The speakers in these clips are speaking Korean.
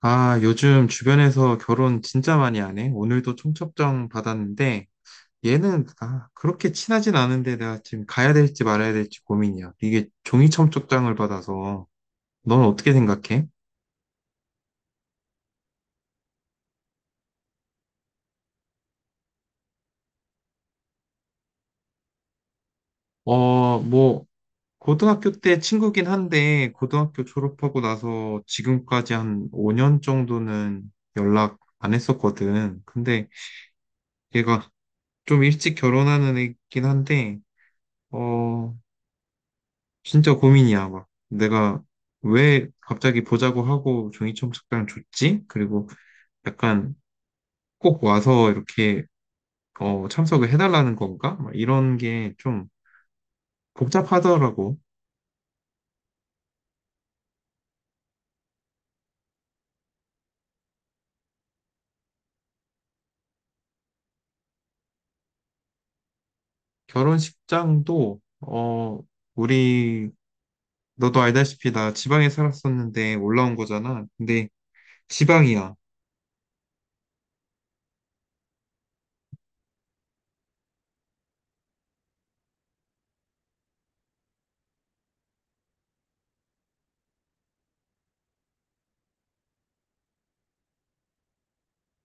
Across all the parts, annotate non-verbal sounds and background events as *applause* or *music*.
아, 요즘 주변에서 결혼 진짜 많이 안 해. 오늘도 청첩장 받았는데, 얘는, 아, 그렇게 친하진 않은데 내가 지금 가야 될지 말아야 될지 고민이야. 이게 종이 청첩장을 받아서, 넌 어떻게 생각해? 어, 뭐, 고등학교 때 친구긴 한데, 고등학교 졸업하고 나서 지금까지 한 5년 정도는 연락 안 했었거든. 근데 얘가 좀 일찍 결혼하는 애긴 한데, 어, 진짜 고민이야, 막. 내가 왜 갑자기 보자고 하고 종이첨 석장을 줬지? 그리고 약간 꼭 와서 이렇게 어, 참석을 해달라는 건가? 막 이런 게 좀 복잡하더라고. 결혼식장도, 어, 우리, 너도 알다시피 나 지방에 살았었는데 올라온 거잖아. 근데 지방이야.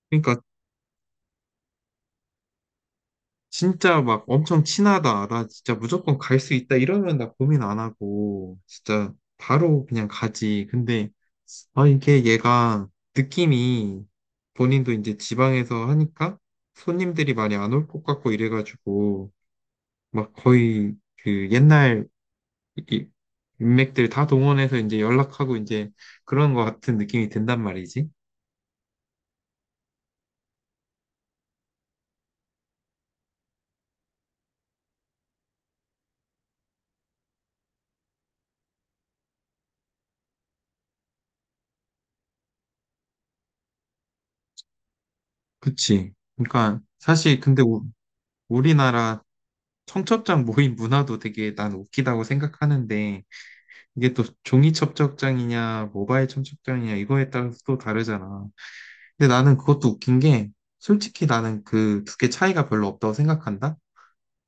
그러니까 진짜 막 엄청 친하다. 나 진짜 무조건 갈 수 있다. 이러면 나 고민 안 하고, 진짜 바로 그냥 가지. 근데, 아, 이게 얘가 느낌이 본인도 이제 지방에서 하니까 손님들이 많이 안 올 것 같고 이래가지고, 막 거의 그 옛날 이- 인맥들 다 동원해서 이제 연락하고 이제 그런 것 같은 느낌이 든단 말이지. 그치. 그러니까 사실 근데 우, 리나라 청첩장 모임 문화도 되게 난 웃기다고 생각하는데 이게 또 종이 청첩장이냐 모바일 청첩장이냐 이거에 따라서 또 다르잖아. 근데 나는 그것도 웃긴 게 솔직히 나는 그 두 개 차이가 별로 없다고 생각한다.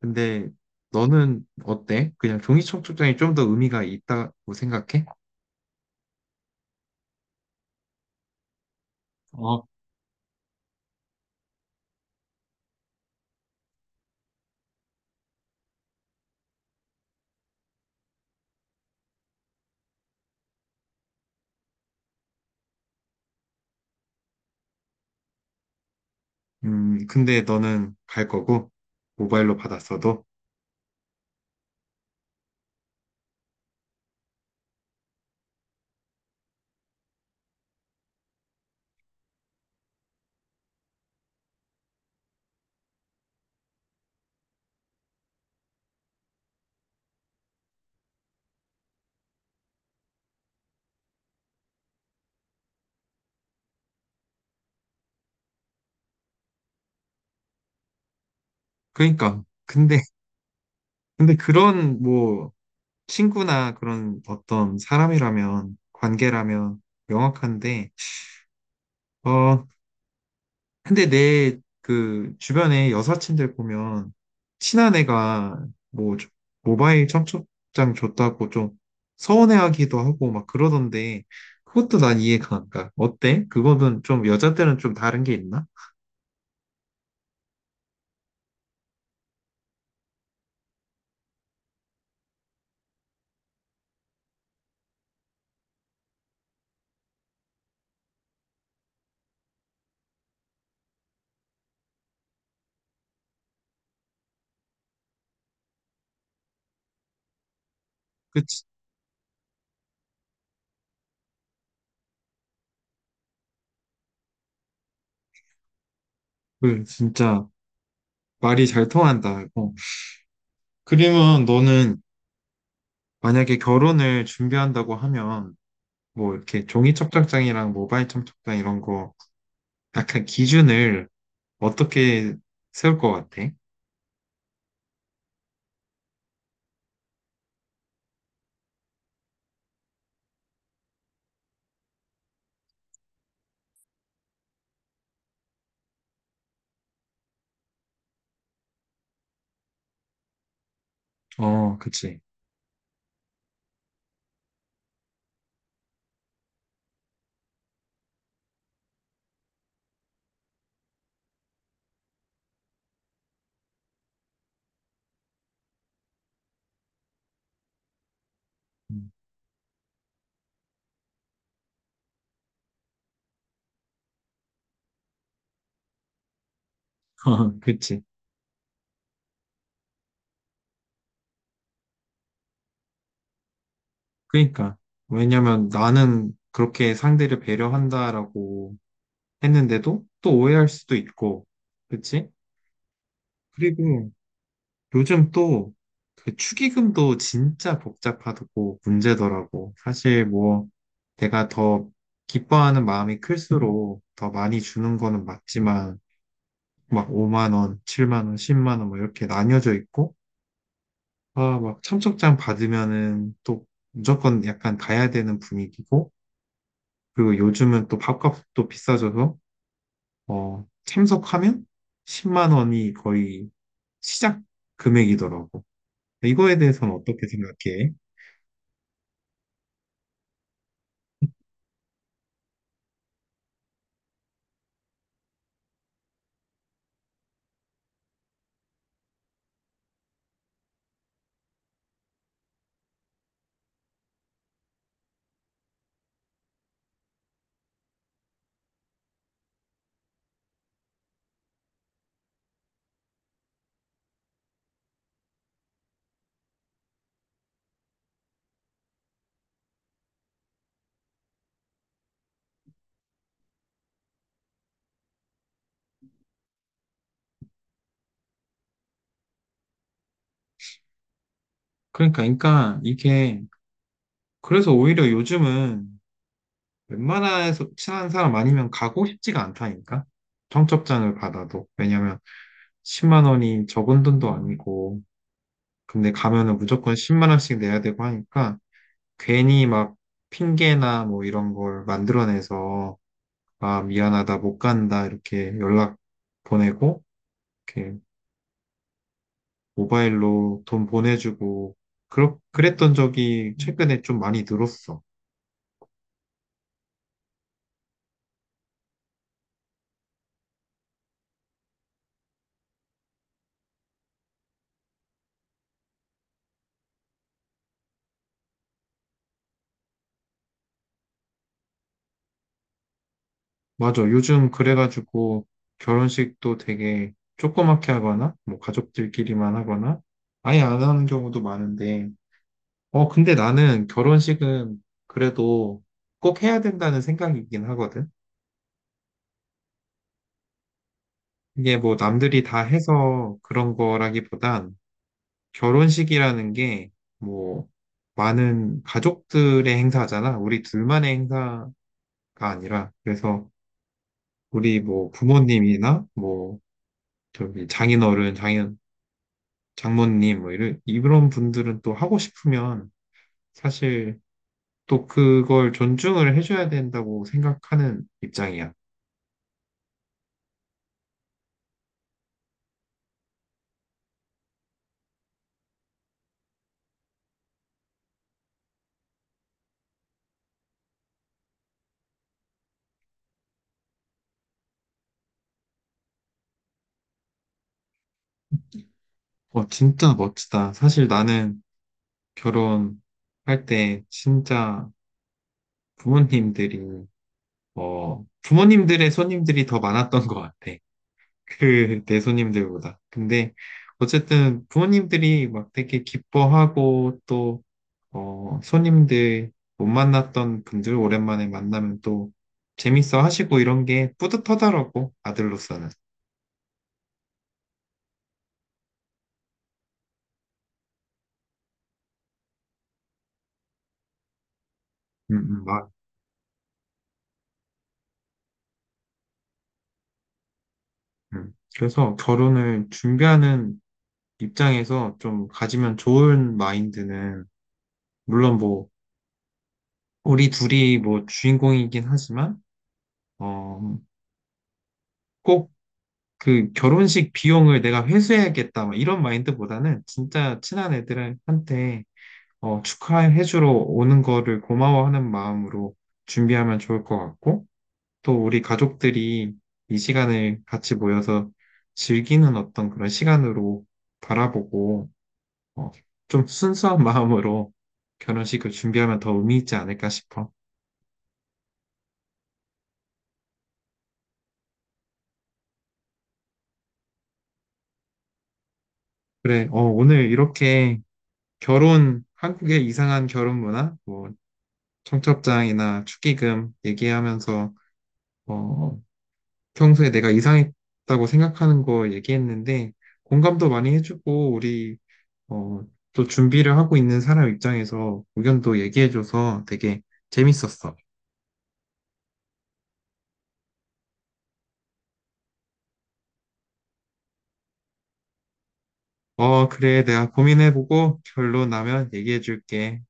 근데 너는 어때? 그냥 종이 청첩장이 좀 더 의미가 있다고 생각해? 어. 근데 너는 갈 거고 모바일로 받았어도 그러니까 근데 그런 뭐 친구나 그런 어떤 사람이라면, 관계라면 명확한데, 어, 근데 내 그 주변에 여사친들 보면 친한 애가 뭐 모바일 청첩장 줬다고 좀 서운해하기도 하고 막 그러던데, 그것도 난 이해가 안 가. 어때? 그거는 좀 여자들은 좀 다른 게 있나? 그치? 그 진짜 말이 잘 통한다. 어. 그러면 너는 만약에 결혼을 준비한다고 하면 뭐 이렇게 종이 청첩장이랑 모바일 청첩장 이런 거 약간 기준을 어떻게 세울 것 같아? 어, 그치. 음. *laughs* 그치. 그러니까. 왜냐면 나는 그렇게 상대를 배려한다라고 했는데도 또 오해할 수도 있고, 그치? 그리고 요즘 또 그 축의금도 진짜 복잡하고 문제더라고. 사실 뭐 내가 더 기뻐하는 마음이 클수록 더 많이 주는 거는 맞지만, 막 5만 원, 7만 원, 10만 원 뭐 이렇게 나뉘어져 있고 아, 막 참석장 받으면은 또 무조건 약간 가야 되는 분위기고 그리고 요즘은 또 밥값도 비싸져서 어, 참석하면 10만 원이 거의 시작 금액이더라고. 이거에 대해서는 어떻게 생각해? 그러니까, 이게 그래서 오히려 요즘은 웬만해서 친한 사람 아니면 가고 싶지가 않다니까. 청첩장을 받아도. 왜냐면 10만 원이 적은 돈도 아니고, 근데 가면은 무조건 10만 원씩 내야 되고 하니까, 괜히 막 핑계나 뭐 이런 걸 만들어내서, 아, 미안하다, 못 간다, 이렇게 연락 보내고, 이렇게 모바일로 돈 보내주고, 그랬던 적이 최근에 좀 많이 늘었어. 맞아. 요즘 그래가지고 결혼식도 되게 조그맣게 하거나, 뭐 가족들끼리만 하거나, 아예 안 하는 경우도 많은데, 어, 근데 나는 결혼식은 그래도 꼭 해야 된다는 생각이긴 하거든. 이게 뭐 남들이 다 해서 그런 거라기보단 결혼식이라는 게 뭐 많은 가족들의 행사잖아. 우리 둘만의 행사가 아니라. 그래서 우리 뭐 부모님이나 뭐 저기 장인어른, 장인 장모님 뭐 이런 분들은 또 하고 싶으면 사실 또 그걸 존중을 해줘야 된다고 생각하는 입장이야. 어, 진짜 멋지다. 사실 나는 결혼할 때 진짜 부모님들이 어, 부모님들의 손님들이 더 많았던 것 같아. 그 내 손님들보다. 근데 어쨌든 부모님들이 막 되게 기뻐하고 또 어, 손님들 못 만났던 분들 오랜만에 만나면 또 재밌어 하시고 이런 게 뿌듯하더라고, 아들로서는. 막, 그래서 결혼을 준비하는 입장에서 좀 가지면 좋은 마인드는, 물론 뭐, 우리 둘이 뭐 주인공이긴 하지만, 어, 꼭 그 결혼식 비용을 내가 회수해야겠다, 막 이런 마인드보다는 진짜 친한 애들한테 어, 축하해주러 오는 거를 고마워하는 마음으로 준비하면 좋을 것 같고, 또 우리 가족들이 이 시간을 같이 모여서 즐기는 어떤 그런 시간으로 바라보고, 어, 좀 순수한 *laughs* 마음으로 결혼식을 준비하면 더 의미 있지 않을까 싶어. 그래, 어, 오늘 이렇게 결혼, 한국의 이상한 결혼 문화, 뭐, 청첩장이나 축의금 얘기하면서, 어, 평소에 내가 이상했다고 생각하는 거 얘기했는데 공감도 많이 해주고 우리 어, 또 준비를 하고 있는 사람 입장에서 의견도 얘기해줘서 되게 재밌었어. 어, 그래. 내가 고민해보고 결론 나면 얘기해줄게.